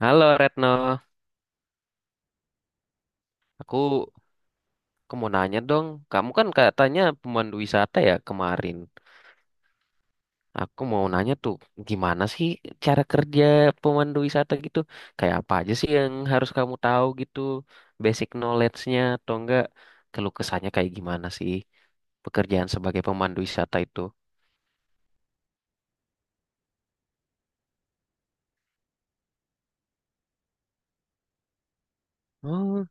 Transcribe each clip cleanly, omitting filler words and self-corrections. Halo Retno, aku aku mau nanya dong. Kamu kan katanya pemandu wisata ya kemarin. Aku mau nanya tuh, gimana sih cara kerja pemandu wisata gitu? Kayak apa aja sih yang harus kamu tahu gitu? Basic knowledge-nya atau enggak? Keluh kesahnya kayak gimana sih pekerjaan sebagai pemandu wisata itu? Oh.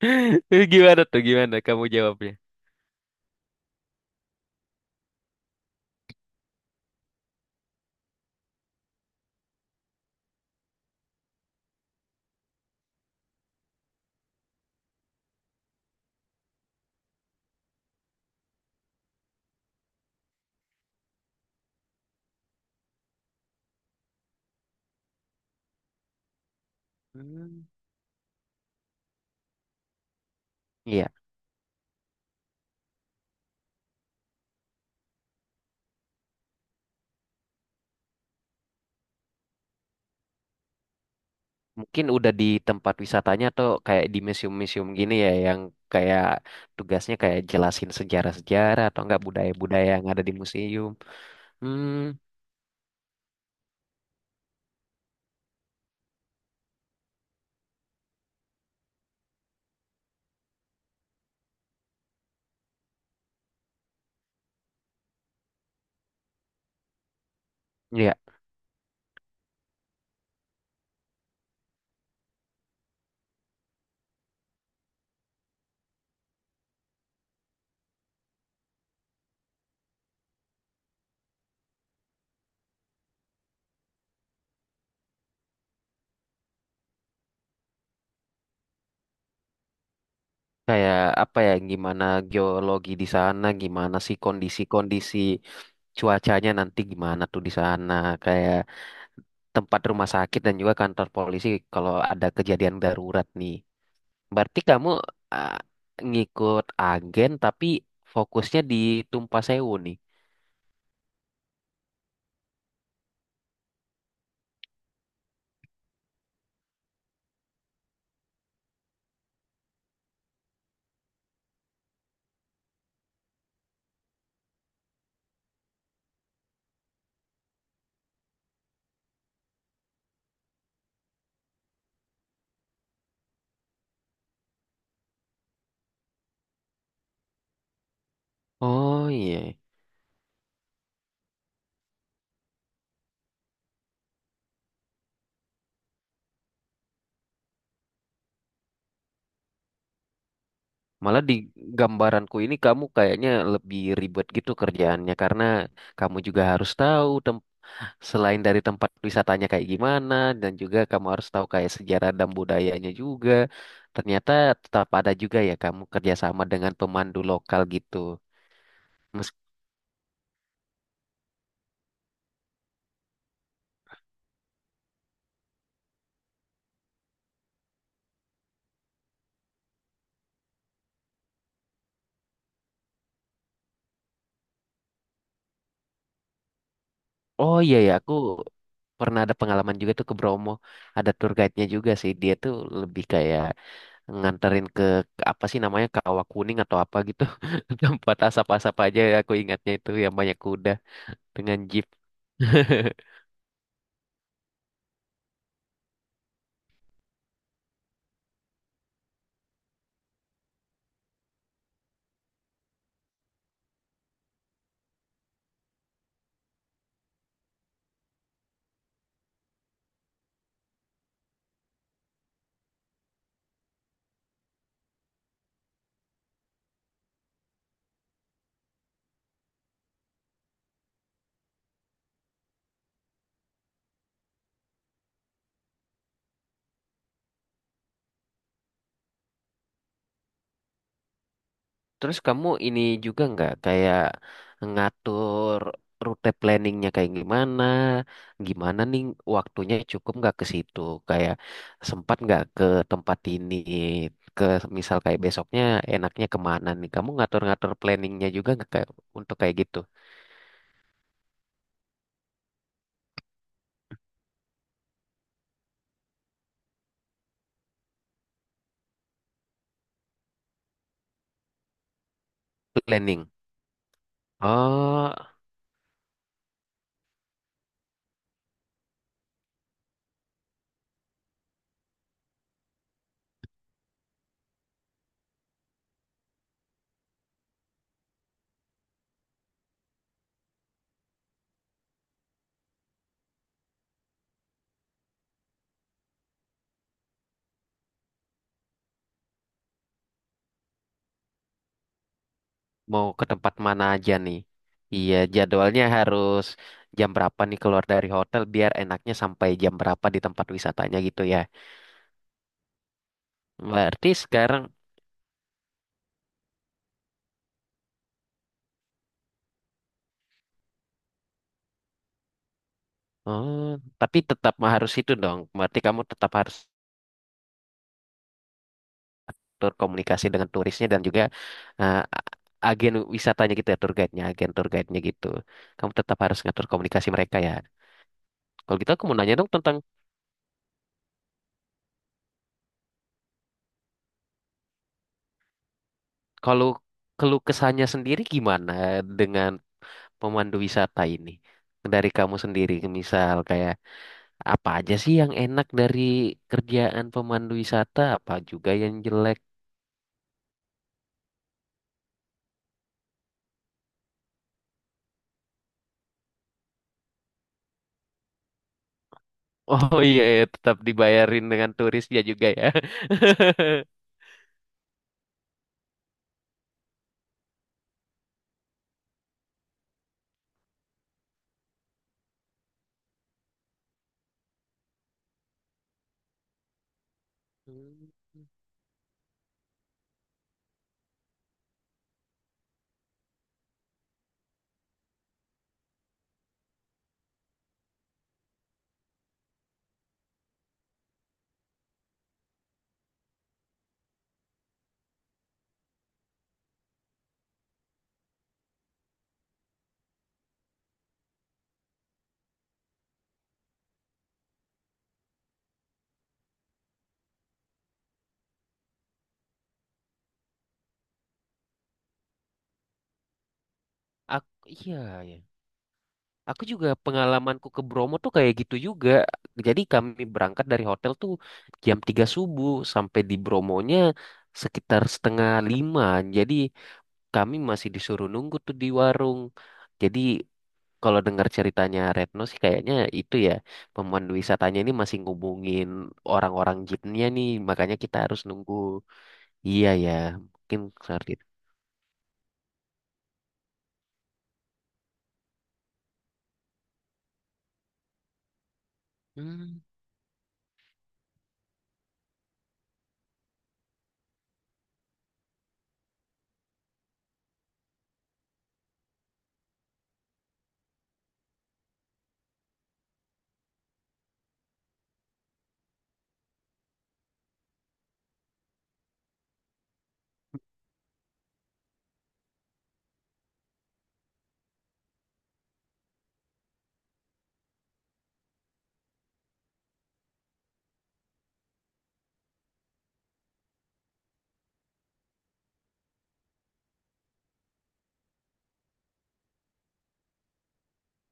Gimana tuh? Gimana kamu jawabnya? Hmm. Iya. Mungkin udah di tempat wisatanya atau kayak di museum-museum gini ya yang kayak tugasnya kayak jelasin sejarah-sejarah atau enggak budaya-budaya yang ada di museum. Hmm, ya kayak apa ya gimana geologi di sana, gimana sih kondisi-kondisi cuacanya nanti gimana tuh di sana, kayak tempat rumah sakit dan juga kantor polisi kalau ada kejadian darurat nih. Berarti kamu ah, ngikut agen tapi fokusnya di Tumpah Sewu nih. Oh iya. Malah di gambaranku ini kamu kayaknya lebih ribet gitu kerjaannya karena kamu juga harus tahu selain dari tempat wisatanya kayak gimana dan juga kamu harus tahu kayak sejarah dan budayanya juga. Ternyata tetap ada juga ya kamu kerjasama dengan pemandu lokal gitu. Mes- oh iya ya aku pernah ada pengalaman juga tuh ke Bromo. Ada tour guide-nya juga sih. Dia tuh lebih kayak nganterin ke apa sih namanya Kawah Kuning atau apa gitu tempat asap-asap aja ya, aku ingatnya itu yang banyak kuda dengan jeep. Terus kamu ini juga nggak kayak ngatur rute planningnya kayak gimana, gimana nih waktunya cukup nggak ke situ, kayak sempat nggak ke tempat ini, ke misal kayak besoknya enaknya kemana nih, kamu ngatur-ngatur planningnya juga nggak kayak untuk kayak gitu planning? Oh, mau ke tempat mana aja nih? Iya, jadwalnya harus jam berapa nih keluar dari hotel biar enaknya sampai jam berapa di tempat wisatanya gitu ya. Berarti sekarang, oh, tapi tetap mah harus itu dong. Berarti kamu tetap harus berkomunikasi dengan turisnya dan juga eh, a- agen wisatanya gitu ya, tour guide-nya, agen tour guide-nya gitu. Kamu tetap harus ngatur komunikasi mereka ya. Kalau gitu aku mau nanya dong tentang kalau keluh kesahnya sendiri gimana dengan pemandu wisata ini dari kamu sendiri, misal kayak apa aja sih yang enak dari kerjaan pemandu wisata, apa juga yang jelek. Oh iya ya tetap dibayarin dengan turisnya juga ya. Hmm, aku iya ya, aku juga pengalamanku ke Bromo tuh kayak gitu juga. Jadi kami berangkat dari hotel tuh jam 3 subuh, sampai di Bromonya sekitar 04.30. Jadi kami masih disuruh nunggu tuh di warung. Jadi kalau dengar ceritanya Retno sih kayaknya itu ya, pemandu wisatanya ini masih ngubungin orang-orang jeepnya nih, makanya kita harus nunggu. Iya ya, mungkin seperti itu. Hmm.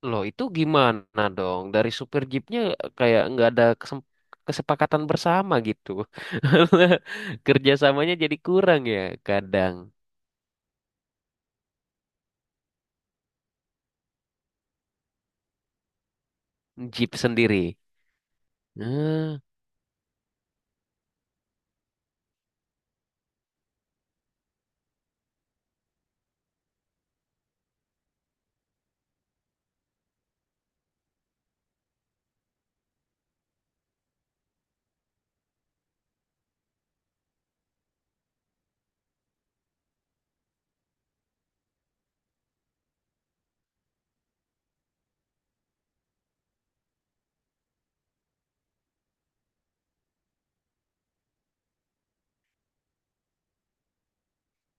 Loh itu gimana dong dari supir jeepnya, kayak nggak ada kesepakatan bersama gitu. Kerjasamanya jadi kurang ya kadang. Jeep sendiri. Hmm,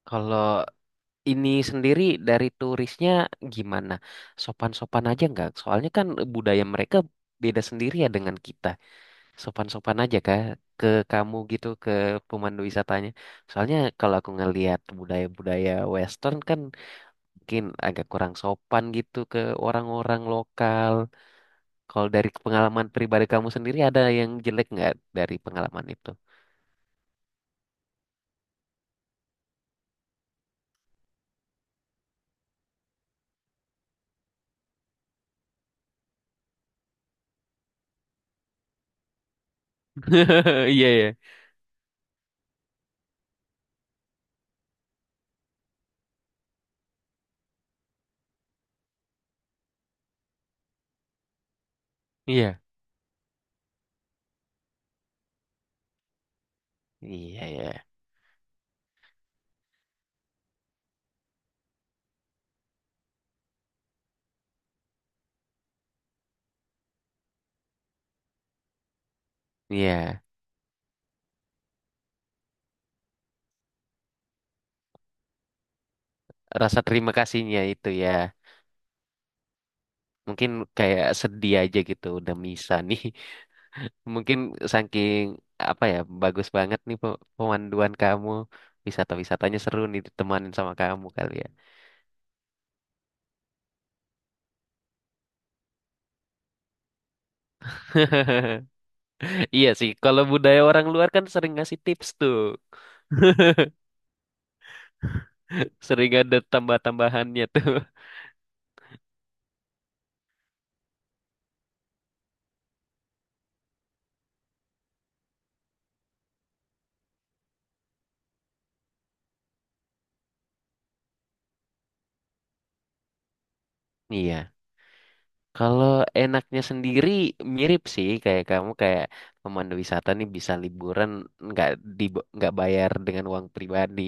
kalau ini sendiri dari turisnya gimana? Sopan-sopan aja nggak? Soalnya kan budaya mereka beda sendiri ya dengan kita. Sopan-sopan aja kah ke kamu gitu, ke pemandu wisatanya? Soalnya kalau aku ngelihat budaya-budaya Western kan mungkin agak kurang sopan gitu ke orang-orang lokal. Kalau dari pengalaman pribadi kamu sendiri ada yang jelek nggak dari pengalaman itu? Iya, ya. Iya. Iya, ya. Iya. Rasa terima kasihnya itu ya. Mungkin kayak sedih aja gitu udah misa nih. Mungkin saking apa ya, bagus banget nih pemanduan kamu, wisata-wisatanya seru nih ditemanin sama kamu kali ya. Iya sih kalau budaya orang luar kan sering ngasih tips tuh, sering ada tambah-tambahannya tuh. Iya. Kalau enaknya sendiri mirip sih kayak kamu, kayak pemandu wisata nih bisa liburan, nggak di, nggak bayar dengan uang pribadi.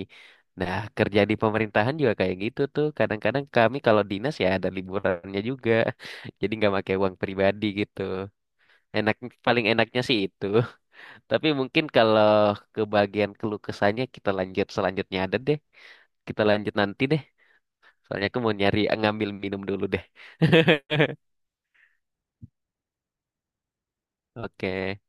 Nah, kerja di pemerintahan juga kayak gitu tuh. Kadang-kadang kami kalau dinas ya ada liburannya juga. Jadi nggak pakai uang pribadi gitu. Enak, paling enaknya sih itu. Tapi mungkin kalau ke bagian keluh kesahnya kita lanjut selanjutnya ada deh. Kita lanjut nanti deh. Soalnya aku mau nyari ngambil minum dulu deh. Oke.